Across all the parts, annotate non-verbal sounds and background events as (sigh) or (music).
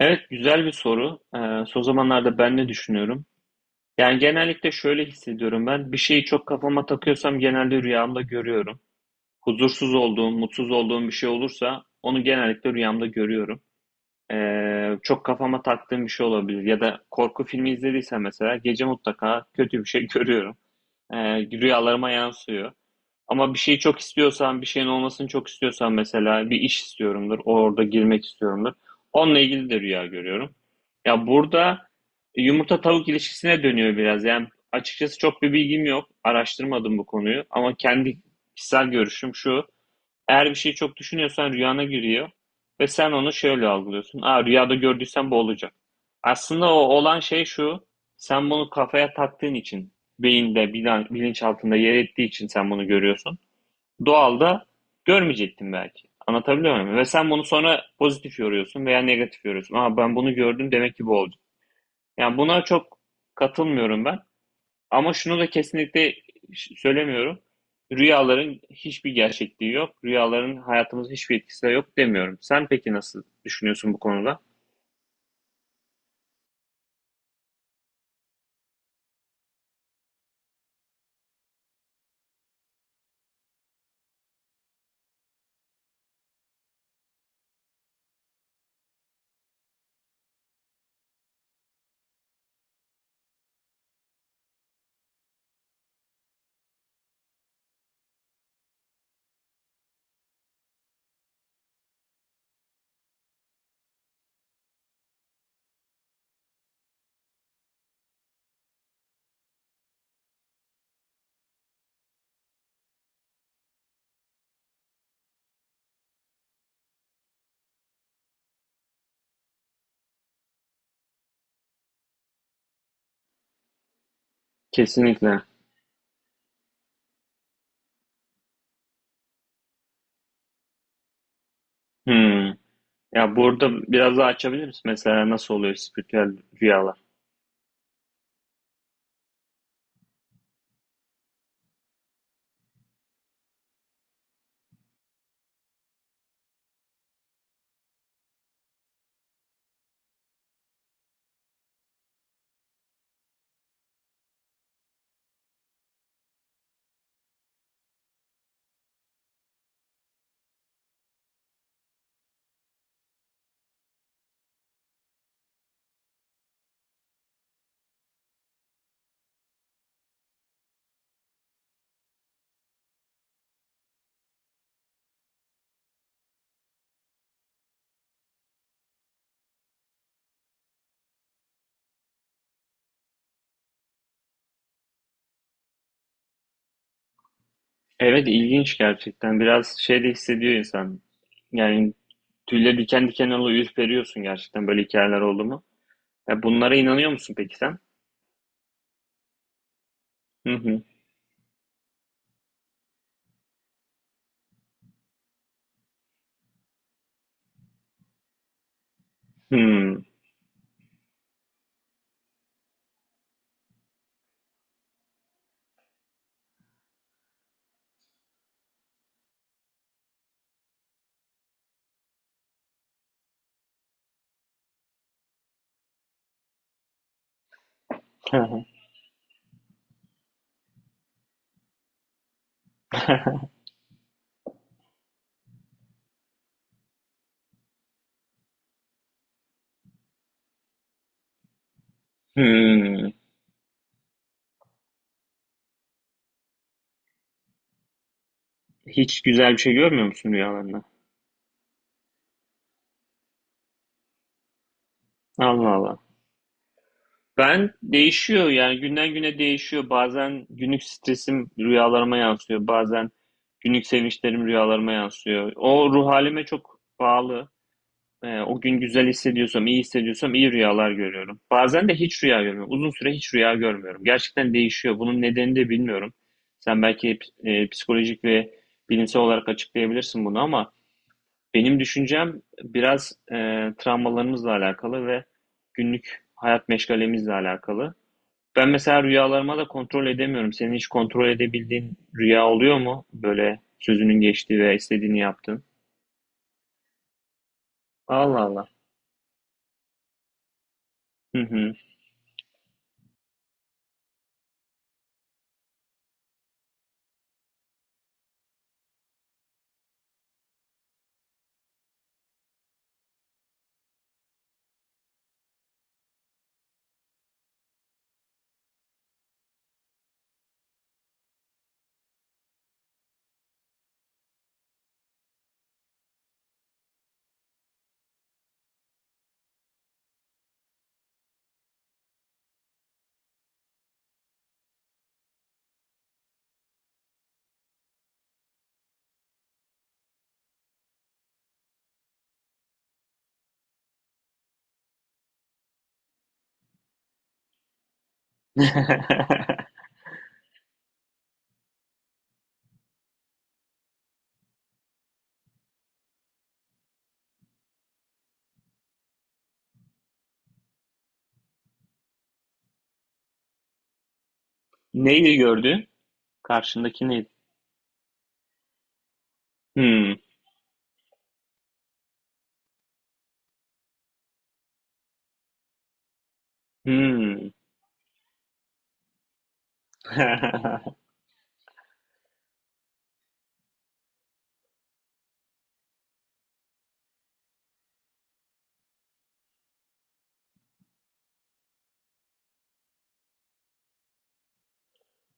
Evet, güzel bir soru. Son zamanlarda ben ne düşünüyorum? Yani genellikle şöyle hissediyorum ben. Bir şeyi çok kafama takıyorsam genelde rüyamda görüyorum. Huzursuz olduğum, mutsuz olduğum bir şey olursa onu genellikle rüyamda görüyorum. Çok kafama taktığım bir şey olabilir. Ya da korku filmi izlediysem mesela gece mutlaka kötü bir şey (laughs) görüyorum. Rüyalarıma yansıyor. Ama bir şeyi çok istiyorsan, bir şeyin olmasını çok istiyorsan mesela bir iş istiyorumdur, orada girmek istiyorumdur. Onunla ilgili de rüya görüyorum. Ya burada yumurta tavuk ilişkisine dönüyor biraz. Yani açıkçası çok bir bilgim yok. Araştırmadım bu konuyu ama kendi kişisel görüşüm şu. Eğer bir şeyi çok düşünüyorsan rüyana giriyor ve sen onu şöyle algılıyorsun. Aa, rüyada gördüysen bu olacak. Aslında o olan şey şu. Sen bunu kafaya taktığın için, beyinde, bilinçaltında yer ettiği için sen bunu görüyorsun. Doğalda görmeyecektin belki. Anlatabiliyor muyum? Ve sen bunu sonra pozitif yoruyorsun veya negatif yoruyorsun. Aa, ben bunu gördüm, demek ki bu oldu. Yani buna çok katılmıyorum ben. Ama şunu da kesinlikle söylemiyorum. Rüyaların hiçbir gerçekliği yok. Rüyaların hayatımızda hiçbir etkisi de yok demiyorum. Sen peki nasıl düşünüyorsun bu konuda? Kesinlikle. Hmm. Ya burada biraz daha açabilir misin? Mesela nasıl oluyor spiritüel rüyalar? Evet, ilginç gerçekten. Biraz şey de hissediyor insan. Yani, tüyleri diken diken oluyor, ürperiyorsun, gerçekten böyle hikayeler oldu mu? Ya bunlara inanıyor musun peki sen? Hı hı. Hmm. (laughs) Hmm. Hiç güzel bir şey görmüyor musun rüyalarında? Allah Allah. Ben değişiyor, yani günden güne değişiyor. Bazen günlük stresim rüyalarıma yansıyor. Bazen günlük sevinçlerim rüyalarıma yansıyor. O ruh halime çok bağlı. O gün güzel hissediyorsam, iyi hissediyorsam iyi rüyalar görüyorum. Bazen de hiç rüya görmüyorum. Uzun süre hiç rüya görmüyorum. Gerçekten değişiyor. Bunun nedenini de bilmiyorum. Sen belki psikolojik ve bilimsel olarak açıklayabilirsin bunu, ama benim düşüncem biraz travmalarımızla alakalı ve günlük hayat meşgalemizle alakalı. Ben mesela rüyalarıma da kontrol edemiyorum. Senin hiç kontrol edebildiğin rüya oluyor mu? Böyle sözünün geçtiği veya istediğini yaptığın. Allah Allah. Hı hı. (laughs) Neyi gördün? Karşındaki neydi? Hmm. Hmm. (laughs)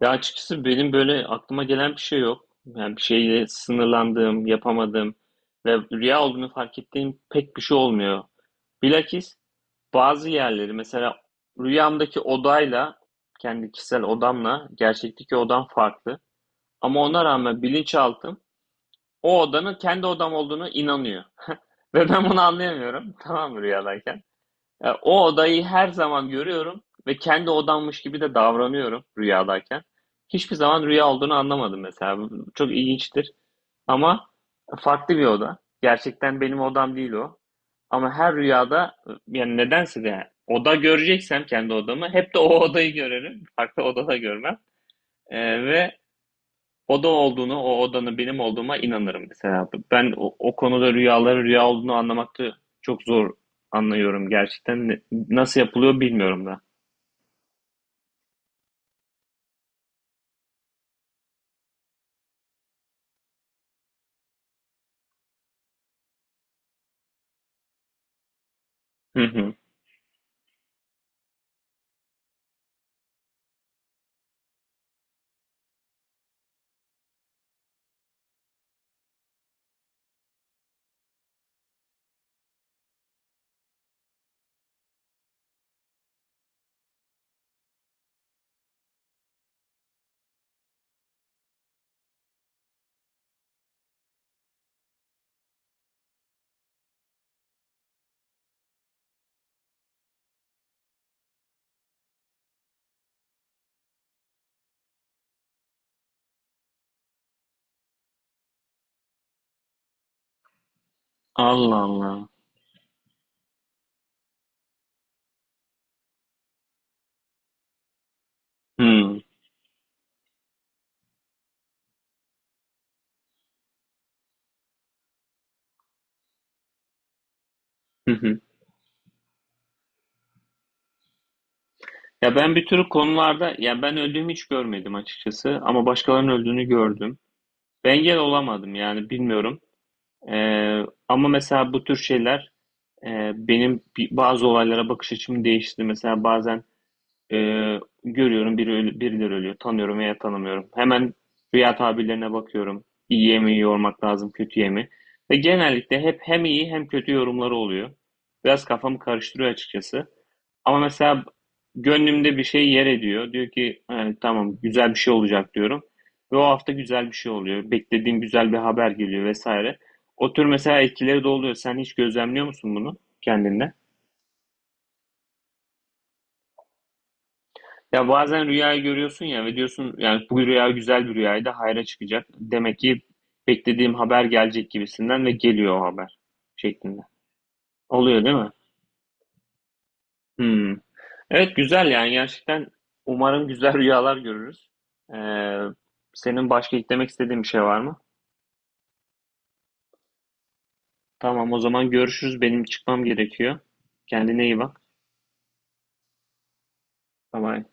Ya, açıkçası benim böyle aklıma gelen bir şey yok. Yani bir şeyle sınırlandığım, yapamadığım ve rüya olduğunu fark ettiğim pek bir şey olmuyor. Bilakis, bazı yerleri mesela, rüyamdaki odayla, kendi kişisel odamla gerçekteki odam farklı. Ama ona rağmen bilinçaltım o odanın kendi odam olduğunu inanıyor. (laughs) Ve ben bunu anlayamıyorum. (laughs) Tamam mı rüyadayken? Ya, o odayı her zaman görüyorum ve kendi odammış gibi de davranıyorum rüyadayken. Hiçbir zaman rüya olduğunu anlamadım mesela. Bu çok ilginçtir, ama farklı bir oda. Gerçekten benim odam değil o. Ama her rüyada, yani nedense de yani oda göreceksem kendi odamı, hep de o odayı görerim. Farklı odada görmem. Ve oda olduğunu, o odanın benim olduğuma inanırım mesela. Ben o konuda rüyaların rüya olduğunu anlamakta çok zor anlıyorum gerçekten. Nasıl yapılıyor bilmiyorum da. Hı hı. Allah Allah. Hı. Hı hı. Ya ben bir tür konularda, ya ben öldüğümü hiç görmedim açıkçası, ama başkalarının öldüğünü gördüm. Ben engel olamadım, yani bilmiyorum. Ee, Ama mesela bu tür şeyler benim bazı olaylara bakış açımı değiştirdi. Mesela bazen görüyorum birileri ölüyor. Tanıyorum veya tanımıyorum. Hemen rüya tabirlerine bakıyorum. İyiye mi yormak lazım, kötüye mi? Ve genellikle hep hem iyi hem kötü yorumları oluyor. Biraz kafamı karıştırıyor açıkçası. Ama mesela gönlümde bir şey yer ediyor. Diyor ki "Ha, tamam, güzel bir şey olacak" diyorum. Ve o hafta güzel bir şey oluyor. Beklediğim güzel bir haber geliyor vesaire. O tür mesela etkileri de oluyor. Sen hiç gözlemliyor musun bunu kendinde? Ya bazen rüyayı görüyorsun ya, ve diyorsun yani bu rüya güzel bir rüyaydı, hayra çıkacak. Demek ki beklediğim haber gelecek gibisinden, ve geliyor o haber şeklinde. Oluyor değil mi? Hmm. Evet, güzel, yani gerçekten umarım güzel (laughs) rüyalar görürüz. Ee, Senin başka eklemek istediğin bir şey var mı? Tamam, o zaman görüşürüz. Benim çıkmam gerekiyor. Kendine iyi bak. Bye bye.